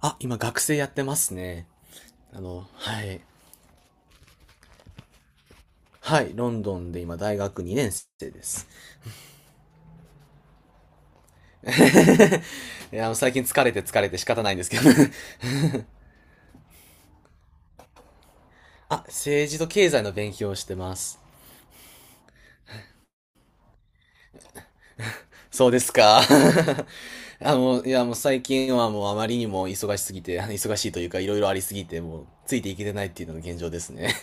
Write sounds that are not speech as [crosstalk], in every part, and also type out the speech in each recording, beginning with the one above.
今学生やってますね。あの、はい。はい、ロンドンで今大学2年生です。[laughs] 最近疲れて疲れて仕方ないんですけど [laughs] 政治と経済の勉強をしてます。そうですか。[laughs] もう最近はもうあまりにも忙しすぎて、忙しいというかいろいろありすぎて、もうついていけてないっていうのが現状ですね。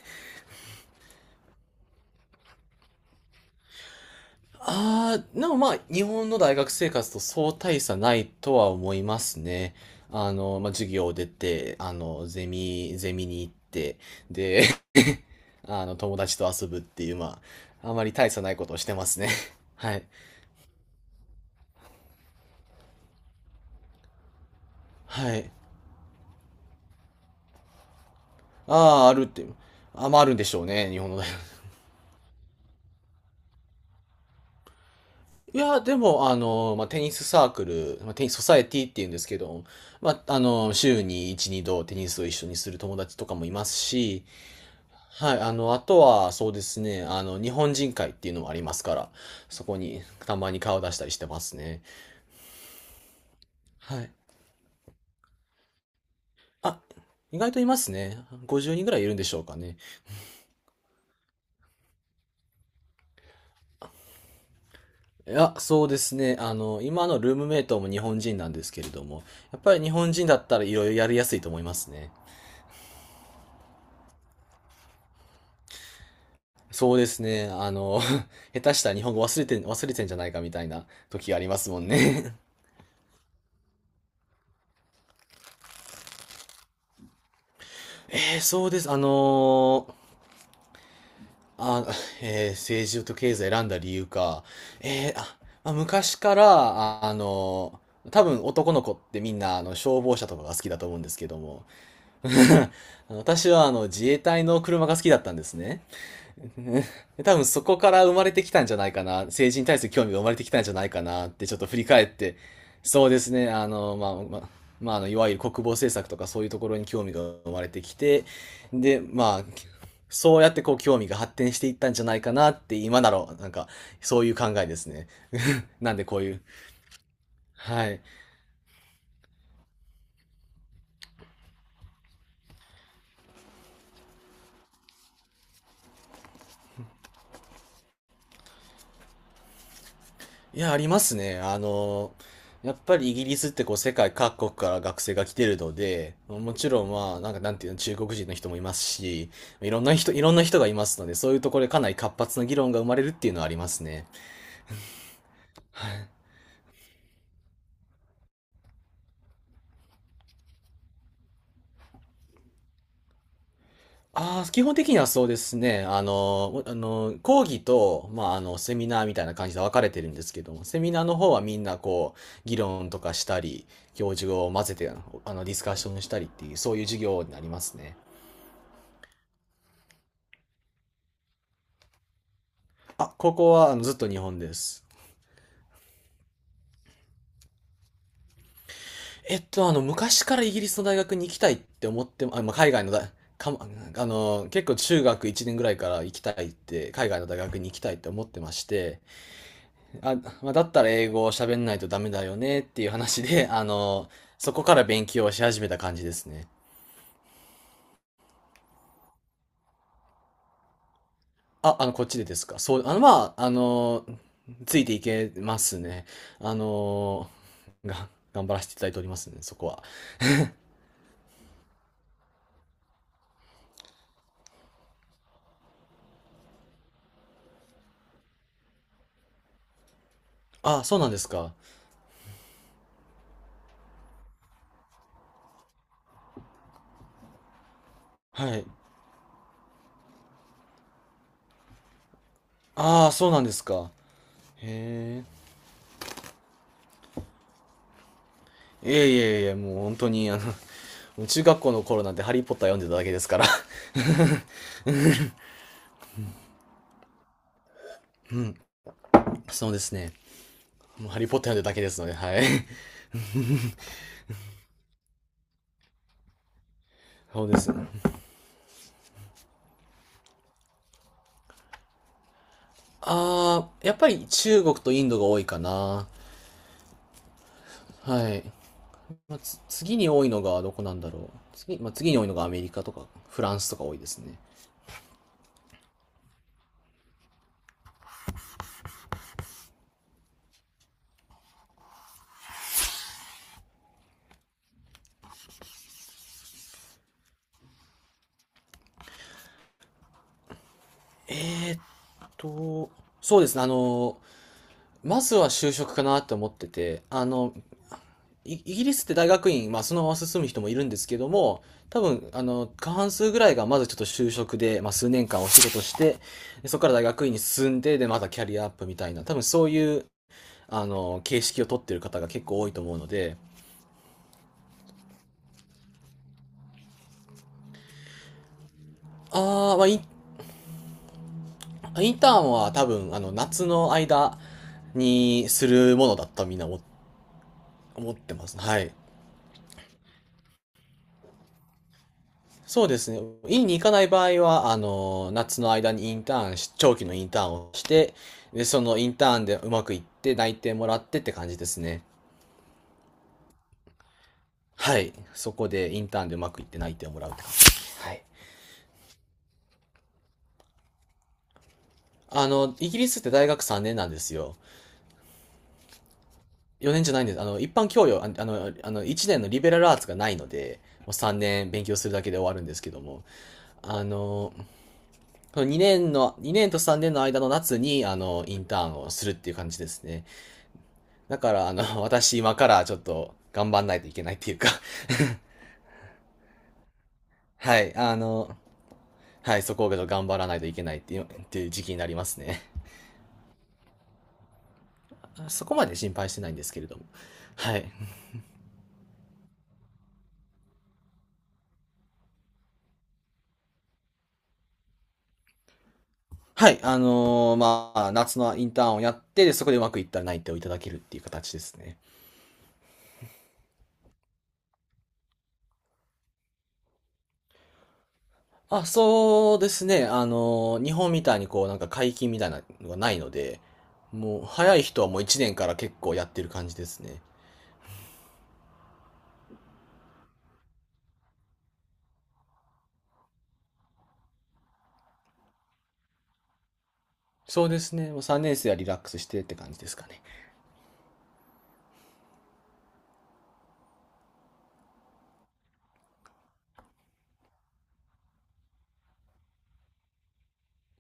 ああ、でもまあ、日本の大学生活とそう大差ないとは思いますね。授業を出て、ゼミに行って、で、[laughs] あの、友達と遊ぶっていう、あまり大差ないことをしてますね。[laughs] はい。はい。ああ、あるって。あるんでしょうね、日本の大学。いや、でも、あの、まあ、テニスサークル、まあ、テニスソサエティっていうんですけど、まあ、あの、週に1、2度テニスを一緒にする友達とかもいますし、あとは、そうですね、あの、日本人会っていうのもありますから、そこにたまに顔出したりしてますね。はい。あ、意外といますね。50人ぐらいいるんでしょうかね。いや、そうですね。あの、今のルームメイトも日本人なんですけれども、やっぱり日本人だったらいろいろやりやすいと思いますね。そうですね。あの、[laughs] 下手したら日本語忘れてん、忘れてんじゃないかみたいな時がありますもんね。[laughs] えーそうです。あのあ、えー政治と経済選んだ理由か。えーあ、まあ昔から、あ、あの、多分男の子ってみんなあの消防車とかが好きだと思うんですけども、[laughs] 私はあの自衛隊の車が好きだったんですね。多分そこから生まれてきたんじゃないかな。政治に対する興味が生まれてきたんじゃないかなってちょっと振り返って、そうですね、いわゆる国防政策とかそういうところに興味が生まれてきて、で、まあ、そうやってこう興味が発展していったんじゃないかなって今なら、なんか、そういう考えですね。なんでこういう、はい。いや、ありますね。あの、やっぱりイギリスってこう世界各国から学生が来てるので、もちろんまあ、なんかなんていうの、中国人の人もいますし、いろんな人がいますので、そういうところでかなり活発な議論が生まれるっていうのはありますね。ああ、基本的にはそうですね。講義と、セミナーみたいな感じで分かれてるんですけども、セミナーの方はみんなこう、議論とかしたり、教授を混ぜて、あの、ディスカッションしたりっていう、そういう授業になりますね。高校はあのずっと日本です。昔からイギリスの大学に行きたいって思っても、あ、まあ、海外の大、かも、あの、結構中学1年ぐらいから行きたいって、海外の大学に行きたいって思ってまして、あ、まあ、だったら英語を喋んないとダメだよねっていう話で、[laughs] あの、そこから勉強をし始めた感じですね。あ、あの、こっちでですか。ついていけますね。あの、頑張らせていただいておりますね、そこは。あ、そうなんですか。はい。ああ、そうなんですか。へえ。もう本当に、あの、中学校の頃なんてハリーポッター読んでただけですから。[laughs] うん。そうですね。もうハリーポッター読んでただけですので、はい。[laughs] そうです。あー、やっぱり中国とインドが多いかな。はい。次に多いのがどこなんだろう。次、まあ、次に多いのがアメリカとかフランスとか多いですね。と、そうですね。あの、まずは就職かなって思ってて、あの、イギリスって大学院、まあ、そのまま進む人もいるんですけども、多分、あの、過半数ぐらいがまずちょっと就職で、まあ、数年間お仕事して、でそこから大学院に進んで、で、またキャリアアップみたいな、多分そういう、あの、形式を取ってる方が結構多いと思うので、ああ、まあイン、インターンは多分、あの、夏の間にするものだったみんな思ってます。はい。そうですね。院に行かない場合は、あの、夏の間にインターンし、長期のインターンをして、で、そのインターンでうまくいって内定もらってって感じですね。はい。そこでインターンでうまくいって内定をもらうって感じ。はい。あの、イギリスって大学3年なんですよ。4年じゃないんです。あの、一般教養、ああの、あの、1年のリベラルアーツがないので、もう3年勉強するだけで終わるんですけども、あの、2年と3年の間の夏に、あの、インターンをするっていう感じですね。だから、あの、[laughs] 私今からちょっと頑張んないといけないっていうか [laughs] はい、あの、はい、そこを頑張らないといけないっていう、っていう時期になりますね。[laughs] そこまで心配してないんですけれども。はい。夏のインターンをやって、で、そこでうまくいったら内定をいただけるっていう形ですね。そうですね。あのー、日本みたいにこう、なんか解禁みたいなのがないので、もう、早い人はもう1年から結構やってる感じですね。そうですね。もう3年生はリラックスしてって感じですかね。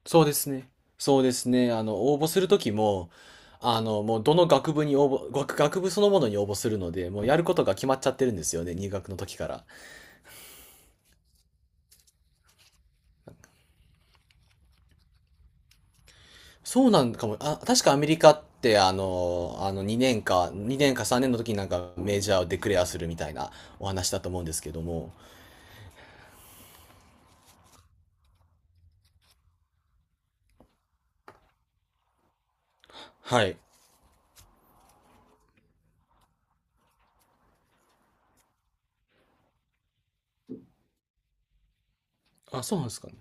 そうですね。そうですね。あの、応募するときも、あの、もうどの学部に応募、学、学部そのものに応募するので、もうやることが決まっちゃってるんですよね、入学の時から。そうなんかも、あ、確かアメリカって、2年か3年の時になんかメジャーをデクレアするみたいなお話だと思うんですけども。はい。あ、そうなんですかね。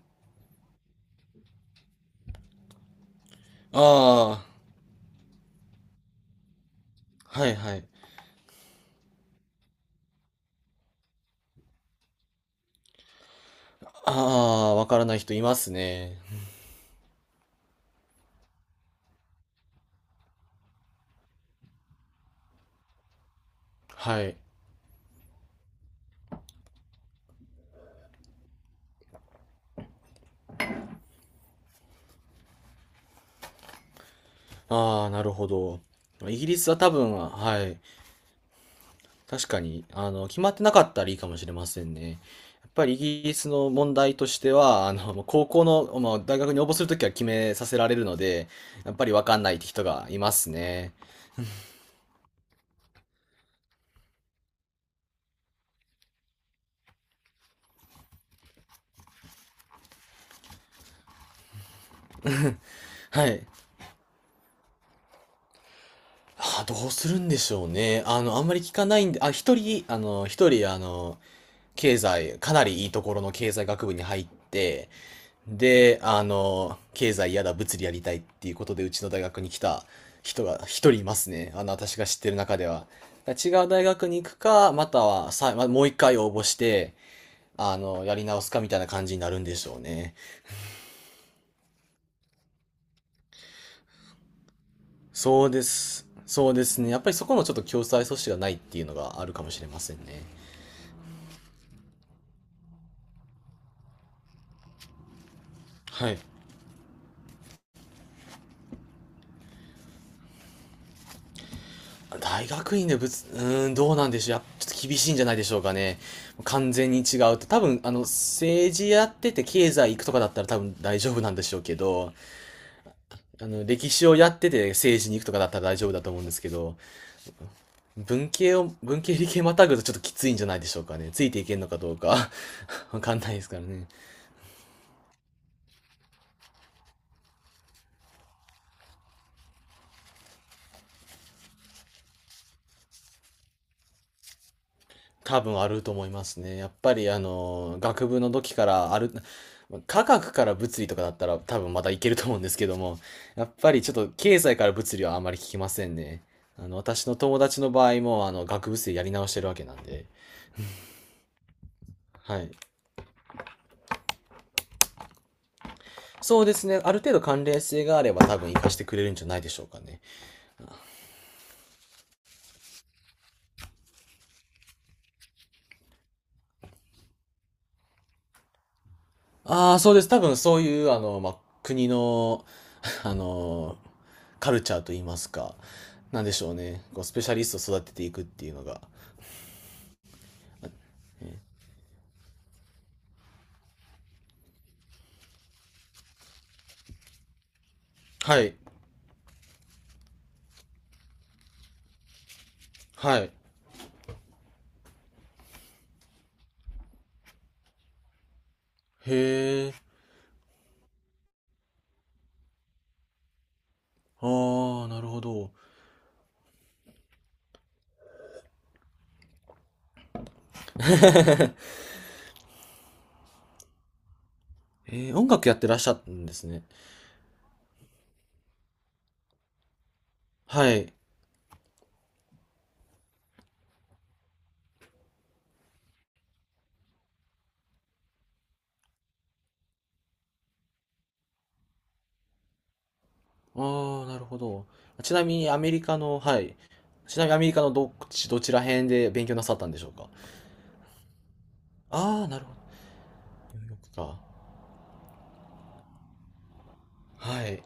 ああ、はいはい。ああ、わからない人いますね。はい。ああ、なるほど。イギリスは多分、はい。確かに、あの、決まってなかったらいいかもしれませんね。やっぱりイギリスの問題としては、あの、もう高校の、まあ、大学に応募するときは決めさせられるので、やっぱりわかんないって人がいますね。はい。あ、どうするんでしょうね。あの、あんまり聞かないんで、あ、一人、あの、一人、あの、経済、かなりいいところの経済学部に入って、で、あの、経済やだ、物理やりたいっていうことで、うちの大学に来た人が一人いますね。あの、私が知ってる中では。だから違う大学に行くか、またはさ、まもう一回応募して、やり直すかみたいな感じになるんでしょうね。そうです。そうですね。やっぱりそこのちょっと共済阻止がないっていうのがあるかもしれませんね。はい。大学院でぶつ、うーん、どうなんでしょう。やっちょっと厳しいんじゃないでしょうかね。完全に違うと。多分、政治やってて経済行くとかだったら多分大丈夫なんでしょうけど、歴史をやってて政治に行くとかだったら大丈夫だと思うんですけど、文系を、文系理系またぐとちょっときついんじゃないでしょうかね。ついていけんのかどうか [laughs] わかんないですからね。多分あると思いますね。やっぱり学部の時からある、科学から物理とかだったら多分まだいけると思うんですけども、やっぱりちょっと経済から物理はあまり聞きませんね。私の友達の場合も学部生やり直してるわけなんで。はい。そうですね。ある程度関連性があれば多分活かしてくれるんじゃないでしょうかね。ああ、そうです。多分そういうまあ、国の、[laughs] あの、カルチャーといいますか、なんでしょうね。こう、スペシャリストを育てていくっていうのが。はい。はい。へえ。ああ、なるほど。音楽やってらっしゃるんですね。はい。ああ、なるほど。ちなみにアメリカの、はい。ちなみにアメリカのどっち、どちら辺で勉強なさったんでしょうか。ああー、なるほど。ニューヨークか。はい。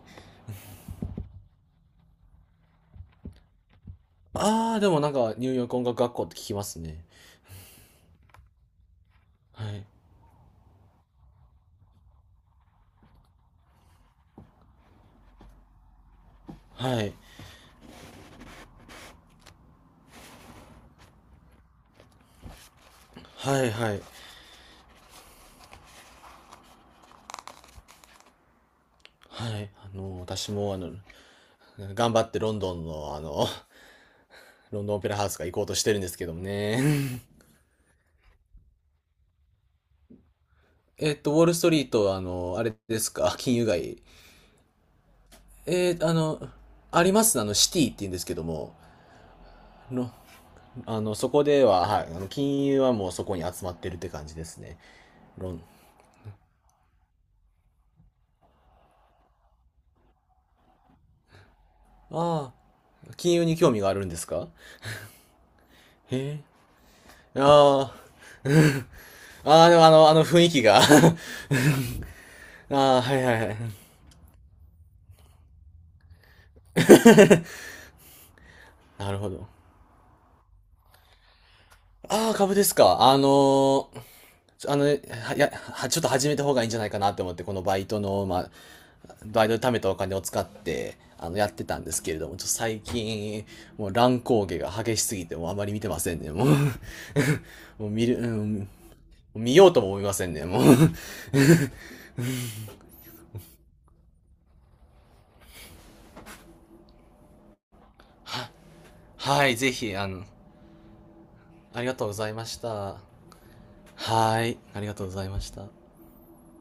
ああ、でもなんかニューヨーク音楽学校って聞きますね。はい。はい。はい、はい。はい。私も頑張ってロンドンの、ロンドンオペラハウスが行こうとしてるんですけどもね。[laughs] ウォールストリート、あれですか、[laughs] 金融街。えーあの、ありますね、シティって言うんですけども、の、そこでは、はい、金融はもうそこに集まってるって感じですね。ロン。ああ、金融に興味があるんですか？へえ。ああ、[laughs] うん。ああ、でもあの、あの雰囲気が [laughs] ああ、はいはいはい。なるほど。ああ、株ですか。ちょあの、は、いや、はちょっと始めた方がいいんじゃないかなって思って、このバイトの、まあ、バイトで貯めたお金を使って、やってたんですけれども、ちょっと最近、もう乱高下が激しすぎて、もうあまり見てませんね、もう [laughs]。もう見る、うん、見ようとも思いませんね、もう [laughs]。は、はい、ぜひ、ありがとうございました。はい、ありがとうございました。